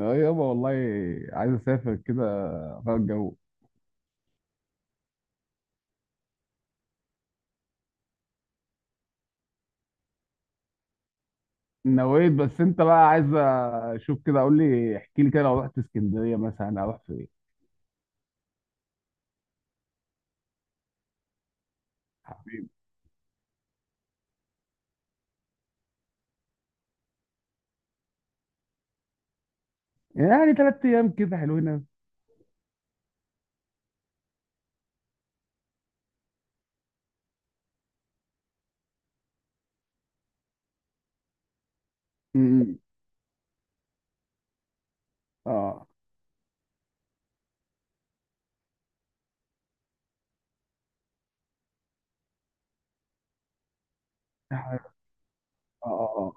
اه يابا والله، عايز اسافر كده اغير الجو. نويت، بس انت بقى عايز اشوف، كده قول لي احكي لي كده لو رحت اسكندريه مثلا اروح فين؟ يعني ثلاث ايام كده حلوين أوي. امم اه. اه. اه.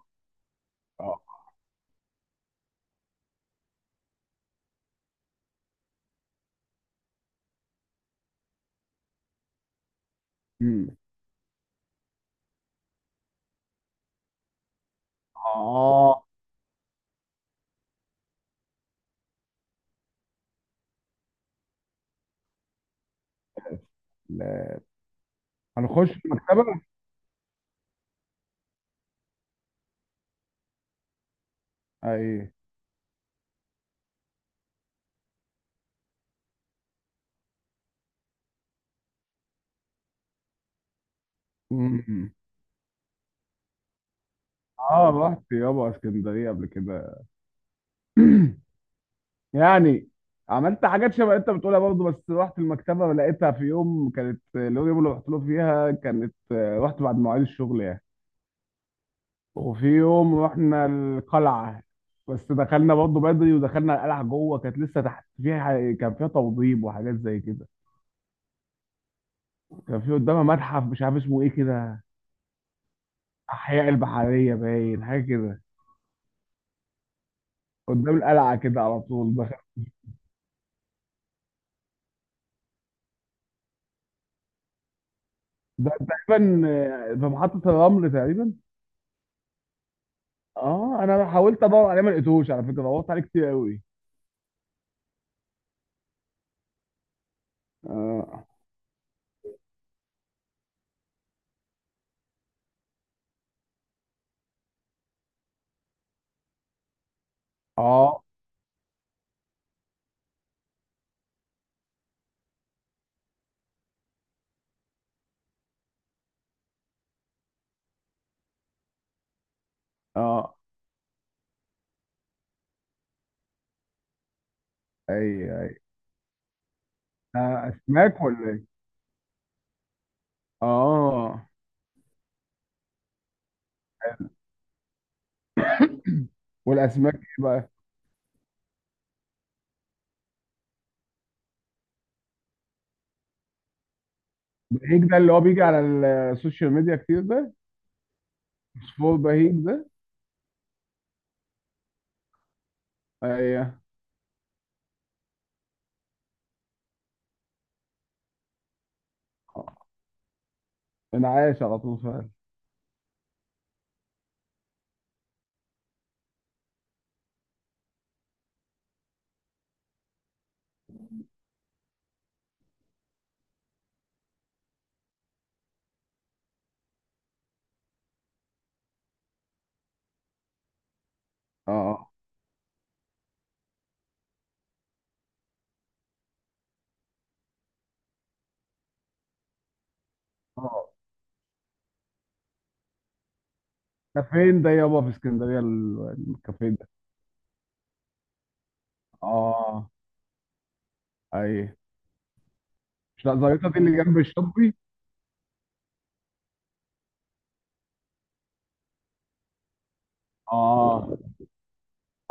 اه. امم. اه. لا، هنخش المكتبه. اي. امم. اه رحت يابا اسكندريه قبل كده. يعني عملت حاجات شبه انت بتقولها برضه، بس رحت المكتبه لقيتها في يوم كانت، اليوم اللي رحت له فيها كانت رحت بعد مواعيد الشغل يعني. وفي يوم رحنا القلعه، بس دخلنا برضه بدري ودخلنا القلعه جوه كانت لسه تحت فيها كان فيها توضيب وحاجات زي كده. كان في قدامها متحف مش عارف اسمه ايه كده، احياء البحريه باين حاجه كده، قدام القلعه كده على طول دخل. ده تقريبا، في محطه الرمل تقريبا. اه انا حاولت ادور عليه ما لقيتوش على فكره، دورت عليه كتير قوي. اه. اه. اه. اي. اي. آه، اسماك ولا ايه؟ اه. والاسماك ايه بقى؟ بهيج ده اللي هو بيجي على السوشيال ميديا كتير ده؟ فول بهيج ده. ايوه. آه. انا عايش على طول فعلا. اه. اه. آه. ده فين ده يابا في اسكندريه الكافيه ده؟ اه. اي. مش لا زريطه دي اللي جنب الشطبي؟ اه.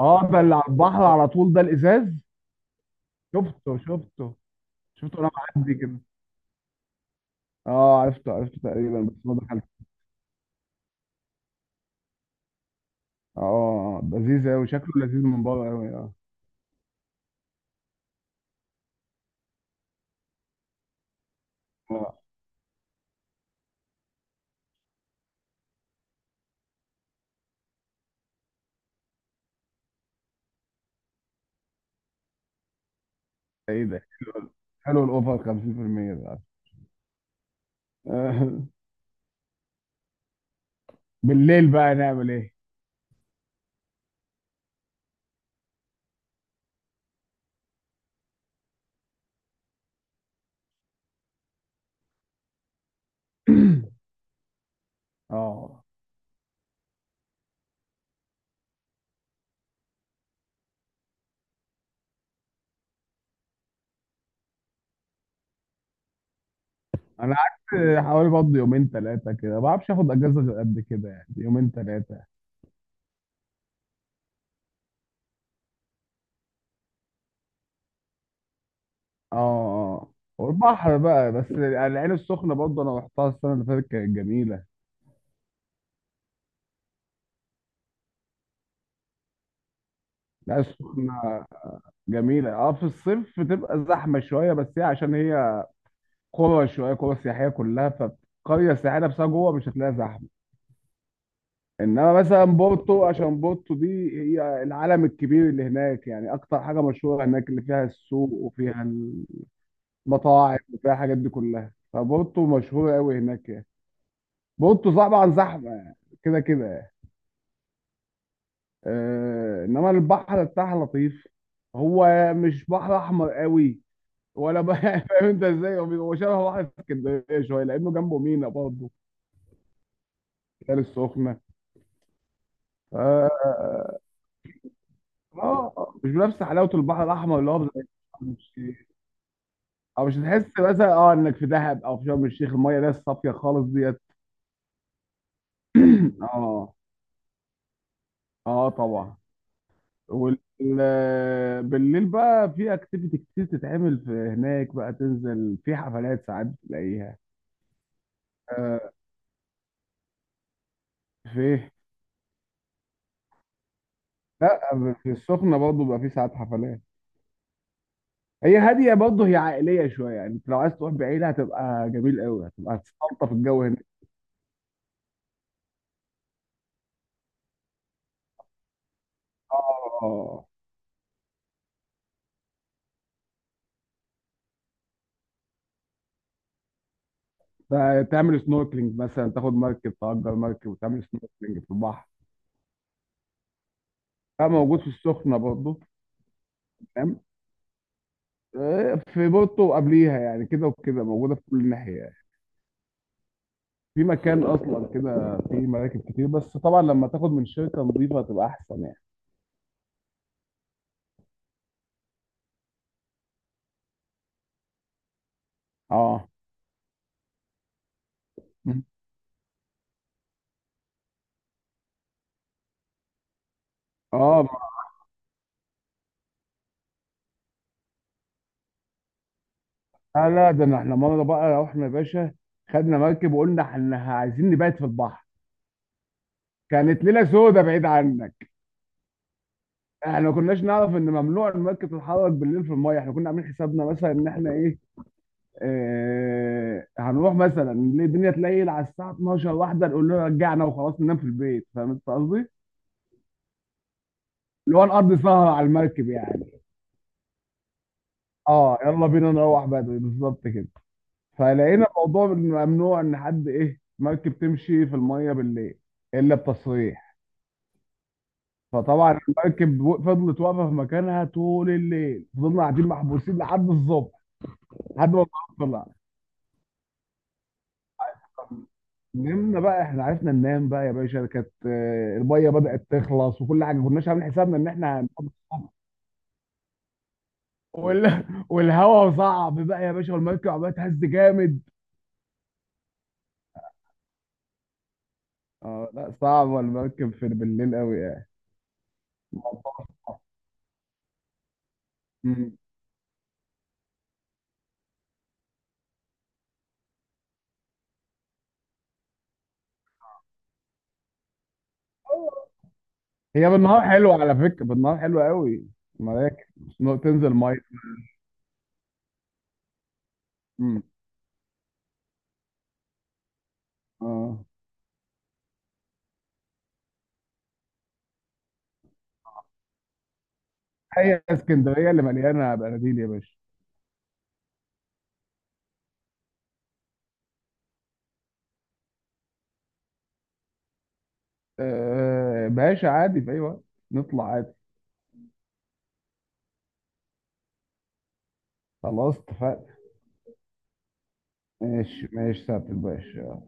اه ده اللي على البحر على طول ده الازاز. شفته شفته. شفته وانا معدي كده. اه عرفته عرفته تقريبا، بس ما دخلتش. اه لذيذ قوي، شكله لذيذ من بره قوي. اه. اه ده. ايه ده؟ حلو. حلو الاوفر 50% ده. آه. بالليل بقى نعمل ايه؟ اه. انا قعدت حوالي برضه يومين ثلاثه كده، ما بعرفش اخد اجازه غير قد كده يعني، يومين ثلاثه. اه. اه. والبحر بقى، بس يعني العين السخنه برضه انا رحتها السنه اللي فاتت كانت جميله. العين السخنه جميله، اه في الصيف بتبقى زحمه شويه، بس هي عشان هي قرى شويه، قرى سياحيه كلها. فقريه سياحيه نفسها جوه مش هتلاقيها زحمه. انما مثلا بورتو، عشان بورتو دي هي العالم الكبير اللي هناك يعني، اكتر حاجه مشهوره هناك اللي فيها السوق وفيها المطاعم وفيها الحاجات دي كلها. فبورتو مشهوره قوي هناك يعني. بورتو طبعا زحمه يعني، كده كده يعني. آه انما البحر بتاعها لطيف، هو مش بحر احمر قوي ولا بقى فاهم انت ازاي، هو بيبقى شبه بحر اسكندريه شويه لانه جنبه مينا برضه. العين السخنه آه، مش بنفس حلاوه البحر الاحمر اللي هو او مش هتحس مثلا اه انك في دهب او في شرم الشيخ، الميه ده الصافيه خالص ديت. اه. اه طبعا. بالليل بقى في اكتيفيتي كتير تتعمل في هناك، بقى تنزل في حفلات ساعات تلاقيها. آه. في. لا في السخنه برضه بقى في ساعات حفلات. هي هاديه برضه، هي عائليه شويه يعني، انت لو عايز تروح بعيله هتبقى جميل قوي، هتبقى هتستلطف الجو هناك. اه. آه، آه. تعمل سنوركلينج مثلا، تاخد مركب تأجر مركب وتعمل سنوركلينج في البحر. اه موجود في السخنه برضه. تمام. في بورتو وقبليها يعني كده وكده، موجوده في كل ناحيه يعني. في مكان اصلا كده في مراكب كتير، بس طبعا لما تاخد من شركه نظيفه هتبقى احسن يعني. اه. م. اه لا لا ده احنا مره بقى رحنا يا باشا، خدنا مركب وقلنا احنا عايزين نبات في البحر. كانت ليله سودة بعيد عنك. احنا ما كناش نعرف ان ممنوع المركب تتحرك بالليل في المايه. احنا كنا عاملين حسابنا مثلا ان احنا ايه، هنروح مثلا الدنيا تليل على الساعه 12 واحده نقول له رجعنا وخلاص ننام في البيت، فاهم انت قصدي؟ اللي هو نقضي سهره على المركب يعني. اه يلا بينا نروح بدري بالظبط كده. فلقينا الموضوع ممنوع ان حد ايه مركب تمشي في الميه بالليل الا بتصريح. فطبعا المركب فضلت واقفه في مكانها طول الليل، فضلنا قاعدين محبوسين لحد الصبح، لحد ما الظهر طلع. نمنا بقى، احنا عرفنا ننام بقى يا باشا، كانت الميه بدأت تخلص وكل حاجه ما كناش عاملين حسابنا ان احنا وال... والهواء صعب بقى يا باشا والمركب عماله تهز جامد. اه لا، صعب المركب في بالليل قوي يعني. مم. هي بالنهار حلوه على فكره، بالنهار حلوه قوي المراكب، تنزل ميه. مم. اه. هي اسكندريه اللي مليانه بناديل يا باشا. آه باشا عادي في اي وقت، نطلع عادي. خلاص اتفقنا. ماشي ماشي سهل الباشا.